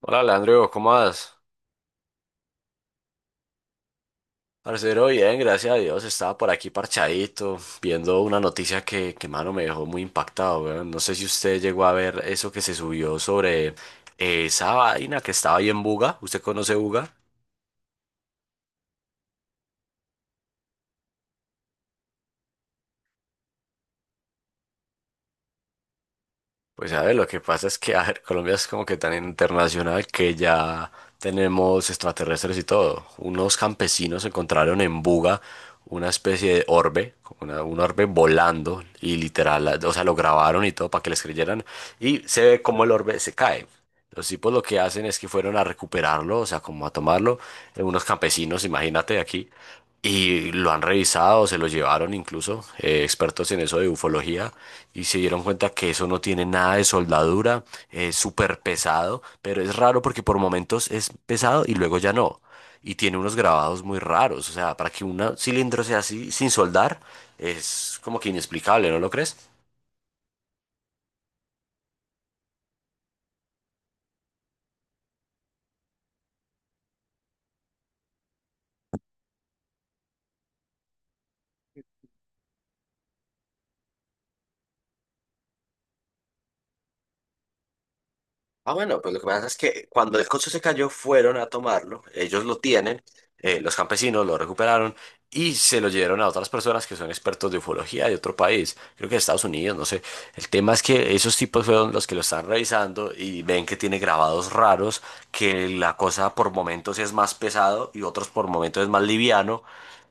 Hola, Leandro, ¿cómo vas? Parcero, bien, gracias a Dios. Estaba por aquí parchadito, viendo una noticia que mano, me dejó muy impactado, weón. No sé si usted llegó a ver eso que se subió sobre esa vaina que estaba ahí en Buga. ¿Usted conoce Buga? Pues a ver, lo que pasa es que a ver, Colombia es como que tan internacional que ya tenemos extraterrestres y todo. Unos campesinos encontraron en Buga una especie de orbe, como un orbe volando y literal, o sea, lo grabaron y todo para que les creyeran y se ve como el orbe se cae. Los tipos lo que hacen es que fueron a recuperarlo, o sea, como a tomarlo, unos campesinos, imagínate aquí, y lo han revisado, se lo llevaron incluso expertos en eso de ufología y se dieron cuenta que eso no tiene nada de soldadura, es súper pesado, pero es raro porque por momentos es pesado y luego ya no. Y tiene unos grabados muy raros, o sea, para que un cilindro sea así sin soldar es como que inexplicable, ¿no lo crees? Ah, bueno, pues lo que pasa es que cuando el coche se cayó fueron a tomarlo, ellos lo tienen, los campesinos lo recuperaron y se lo llevaron a otras personas que son expertos de ufología de otro país, creo que de Estados Unidos, no sé. El tema es que esos tipos fueron los que lo están revisando y ven que tiene grabados raros, que la cosa por momentos es más pesado y otros por momentos es más liviano.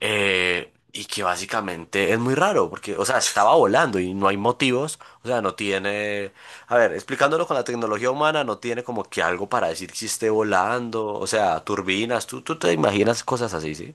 Y que básicamente es muy raro, porque, o sea, estaba volando y no hay motivos, o sea, no tiene a ver, explicándolo con la tecnología humana, no tiene como que algo para decir si esté volando, o sea, turbinas, tú te imaginas cosas así, ¿sí?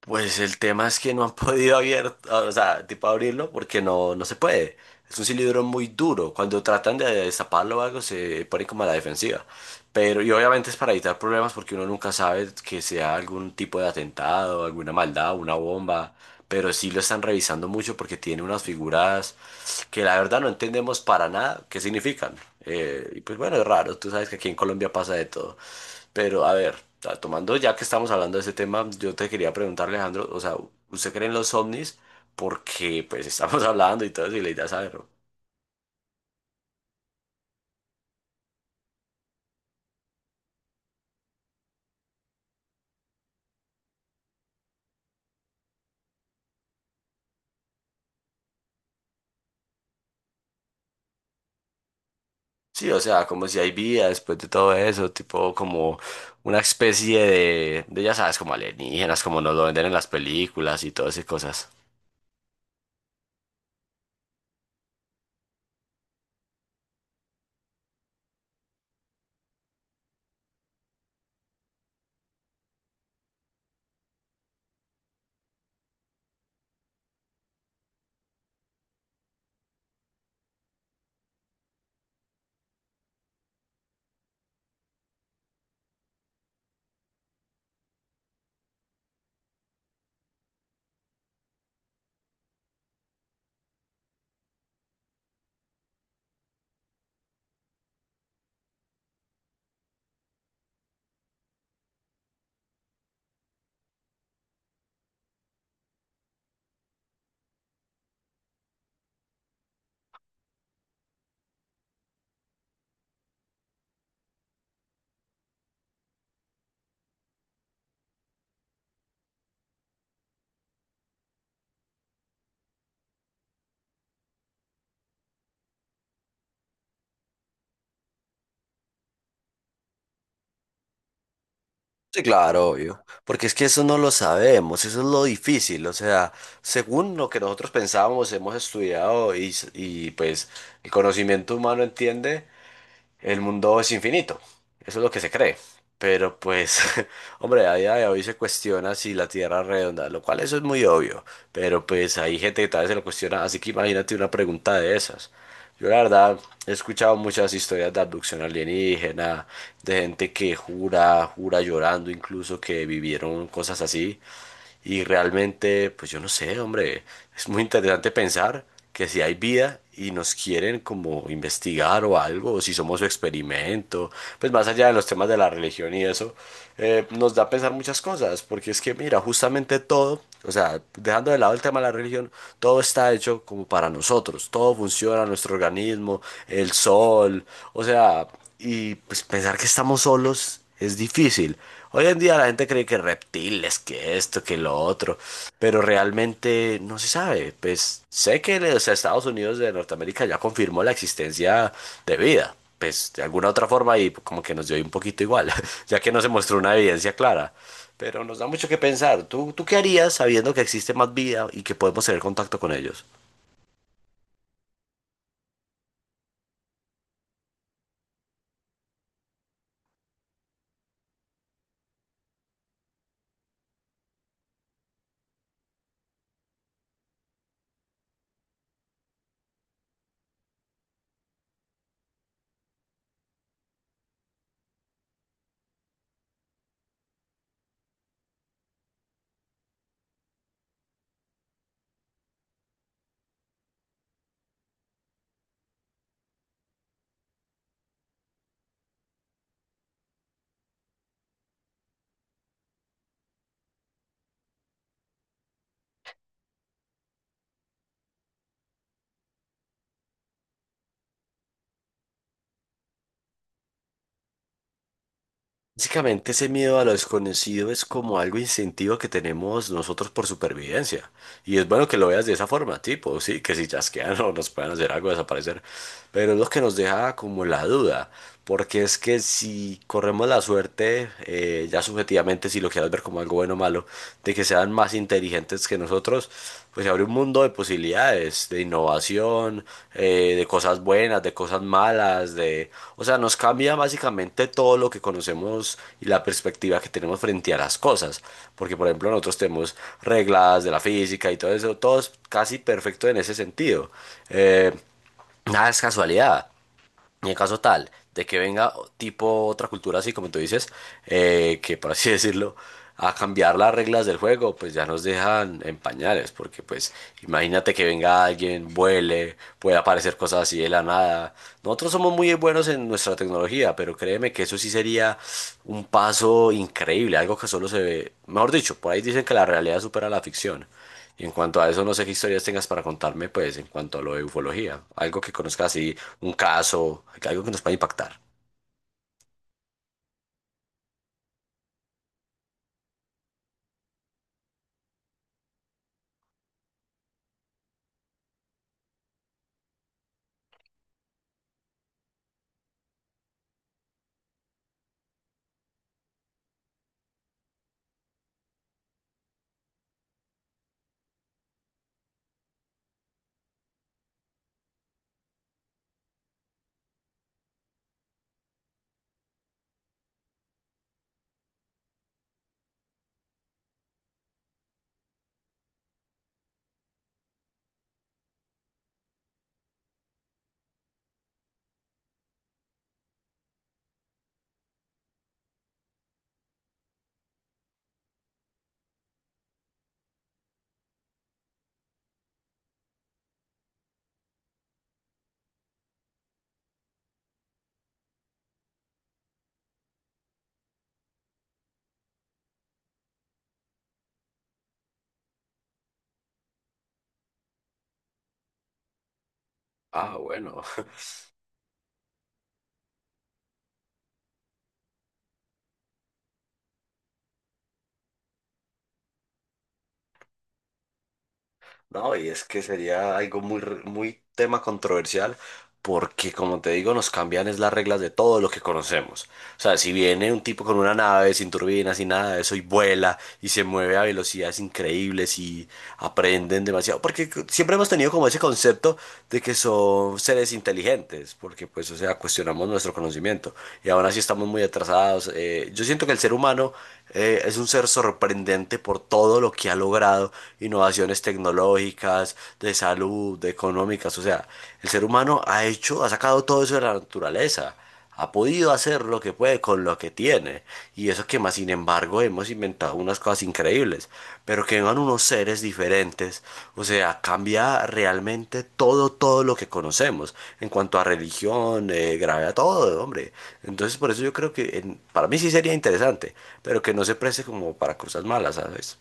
Pues el tema es que no han podido abrir, o sea, tipo abrirlo porque no se puede. Es un cilindro muy duro. Cuando tratan de destaparlo o algo, se pone como a la defensiva. Pero, y obviamente es para evitar problemas porque uno nunca sabe que sea algún tipo de atentado, alguna maldad, una bomba. Pero sí lo están revisando mucho porque tiene unas figuras que la verdad no entendemos para nada qué significan. Y pues bueno, es raro. Tú sabes que aquí en Colombia pasa de todo. Pero a ver, tomando ya que estamos hablando de ese tema, yo te quería preguntar, Alejandro, o sea, ¿usted cree en los ovnis? Porque pues estamos hablando y todo eso y la idea es saberlo. Sí, o sea, como si hay vida después de todo eso, tipo como una especie de ya sabes, como alienígenas, como nos lo venden en las películas y todas esas cosas. Sí, claro, obvio. Porque es que eso no lo sabemos, eso es lo difícil. O sea, según lo que nosotros pensábamos, hemos estudiado y pues el conocimiento humano entiende, el mundo es infinito. Eso es lo que se cree. Pero pues, hombre, a día de hoy se cuestiona si la Tierra es redonda, lo cual eso es muy obvio. Pero pues hay gente que tal vez se lo cuestiona, así que imagínate una pregunta de esas. Yo la verdad he escuchado muchas historias de abducción alienígena, de gente que jura, jura llorando incluso que vivieron cosas así. Y realmente, pues yo no sé, hombre, es muy interesante pensar que si hay vida y nos quieren como investigar o algo, o si somos su experimento, pues más allá de los temas de la religión y eso, nos da a pensar muchas cosas, porque es que mira, justamente todo, o sea, dejando de lado el tema de la religión, todo está hecho como para nosotros, todo funciona, nuestro organismo, el sol, o sea, y pues pensar que estamos solos es difícil. Hoy en día la gente cree que reptiles, que esto, que lo otro, pero realmente no se sabe. Pues sé que los Estados Unidos de Norteamérica ya confirmó la existencia de vida, pues de alguna otra forma y como que nos dio un poquito igual, ya que no se mostró una evidencia clara. Pero nos da mucho que pensar. ¿Tú qué harías sabiendo que existe más vida y que podemos tener contacto con ellos? Básicamente ese miedo a lo desconocido es como algo instintivo que tenemos nosotros por supervivencia. Y es bueno que lo veas de esa forma, tipo, sí, que si chasquean o nos pueden hacer algo desaparecer. Pero es lo que nos deja como la duda, porque es que si corremos la suerte, ya subjetivamente, si lo quieres ver como algo bueno o malo, de que sean más inteligentes inteligentes que nosotros, pues se abre un mundo de posibilidades, de innovación, de cosas buenas, de cosas malas, de, o sea, nos cambia básicamente todo lo que conocemos y la perspectiva que tenemos frente a las cosas, porque por ejemplo nosotros tenemos reglas de la física y todo eso, todo es casi perfecto en ese sentido. Eh, Nada es casualidad. Y en caso tal de que venga tipo otra cultura así como tú dices, que por así decirlo, a cambiar las reglas del juego, pues ya nos dejan en pañales, porque pues imagínate que venga alguien, vuele, puede aparecer cosas así de la nada. Nosotros somos muy buenos en nuestra tecnología, pero créeme que eso sí sería un paso increíble, algo que solo se ve, mejor dicho, por ahí dicen que la realidad supera la ficción. Y en cuanto a eso, no sé qué historias tengas para contarme, pues, en cuanto a lo de ufología. Algo que conozcas así, un caso, algo que nos pueda impactar. Ah, bueno. No, y es que sería algo muy tema controversial. Porque, como te digo, nos cambian es las reglas de todo lo que conocemos. O sea, si viene un tipo con una nave sin turbinas y nada de eso y vuela y se mueve a velocidades increíbles y aprenden demasiado. Porque siempre hemos tenido como ese concepto de que son seres inteligentes, porque pues, o sea, cuestionamos nuestro conocimiento y aún así estamos muy atrasados. Yo siento que el ser humano es un ser sorprendente por todo lo que ha logrado, innovaciones tecnológicas, de salud, de económicas. O sea, el ser humano ha hecho, ha sacado todo eso de la naturaleza. Ha podido hacer lo que puede con lo que tiene. Y eso que más, sin embargo, hemos inventado unas cosas increíbles. Pero que vengan unos seres diferentes. O sea, cambia realmente todo, todo lo que conocemos. En cuanto a religión, gravedad, todo, hombre. Entonces, por eso yo creo que para mí sí sería interesante. Pero que no se preste como para cosas malas, ¿sabes?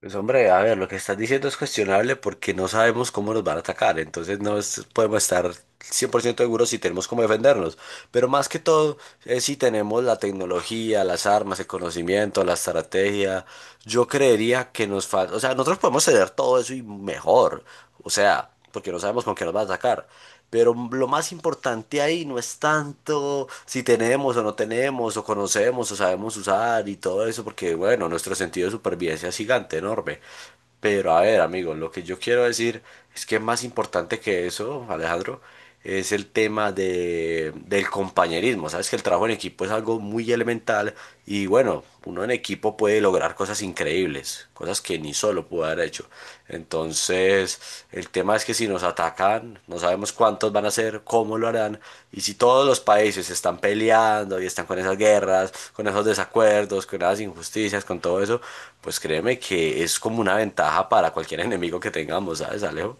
Pues hombre, a ver, lo que estás diciendo es cuestionable porque no sabemos cómo nos van a atacar, entonces no es- podemos estar 100% seguros si tenemos cómo defendernos, pero más que todo es si tenemos la tecnología, las armas, el conocimiento, la estrategia. Yo creería que nos falta, o sea, nosotros podemos tener todo eso y mejor, o sea porque no sabemos con qué nos va a atacar. Pero lo más importante ahí no es tanto si tenemos o no tenemos, o conocemos o sabemos usar y todo eso, porque bueno, nuestro sentido de supervivencia es gigante, enorme. Pero a ver, amigos, lo que yo quiero decir es que más importante que eso, Alejandro, es el tema del compañerismo. Sabes que el trabajo en equipo es algo muy elemental y bueno, uno en equipo puede lograr cosas increíbles, cosas que ni solo pudo haber hecho. Entonces, el tema es que si nos atacan, no sabemos cuántos van a ser, cómo lo harán, y si todos los países están peleando y están con esas guerras, con esos desacuerdos, con esas injusticias, con todo eso, pues créeme que es como una ventaja para cualquier enemigo que tengamos, ¿sabes, Alejo?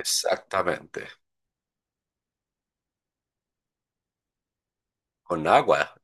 Exactamente. Con agua.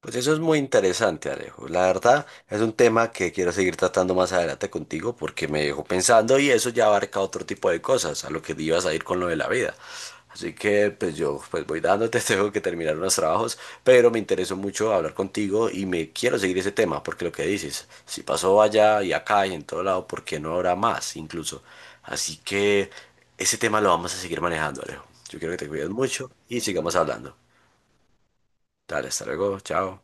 Pues eso es muy interesante, Alejo. La verdad es un tema que quiero seguir tratando más adelante contigo porque me dejó pensando y eso ya abarca otro tipo de cosas a lo que ibas a ir con lo de la vida. Así que pues yo pues voy dándote, tengo que terminar unos trabajos, pero me interesó mucho hablar contigo y me quiero seguir ese tema porque lo que dices, si pasó allá y acá y en todo lado, ¿por qué no habrá más incluso? Así que ese tema lo vamos a seguir manejando, Alejo. Yo quiero que te cuides mucho y sigamos hablando. Dale, hasta luego, chao.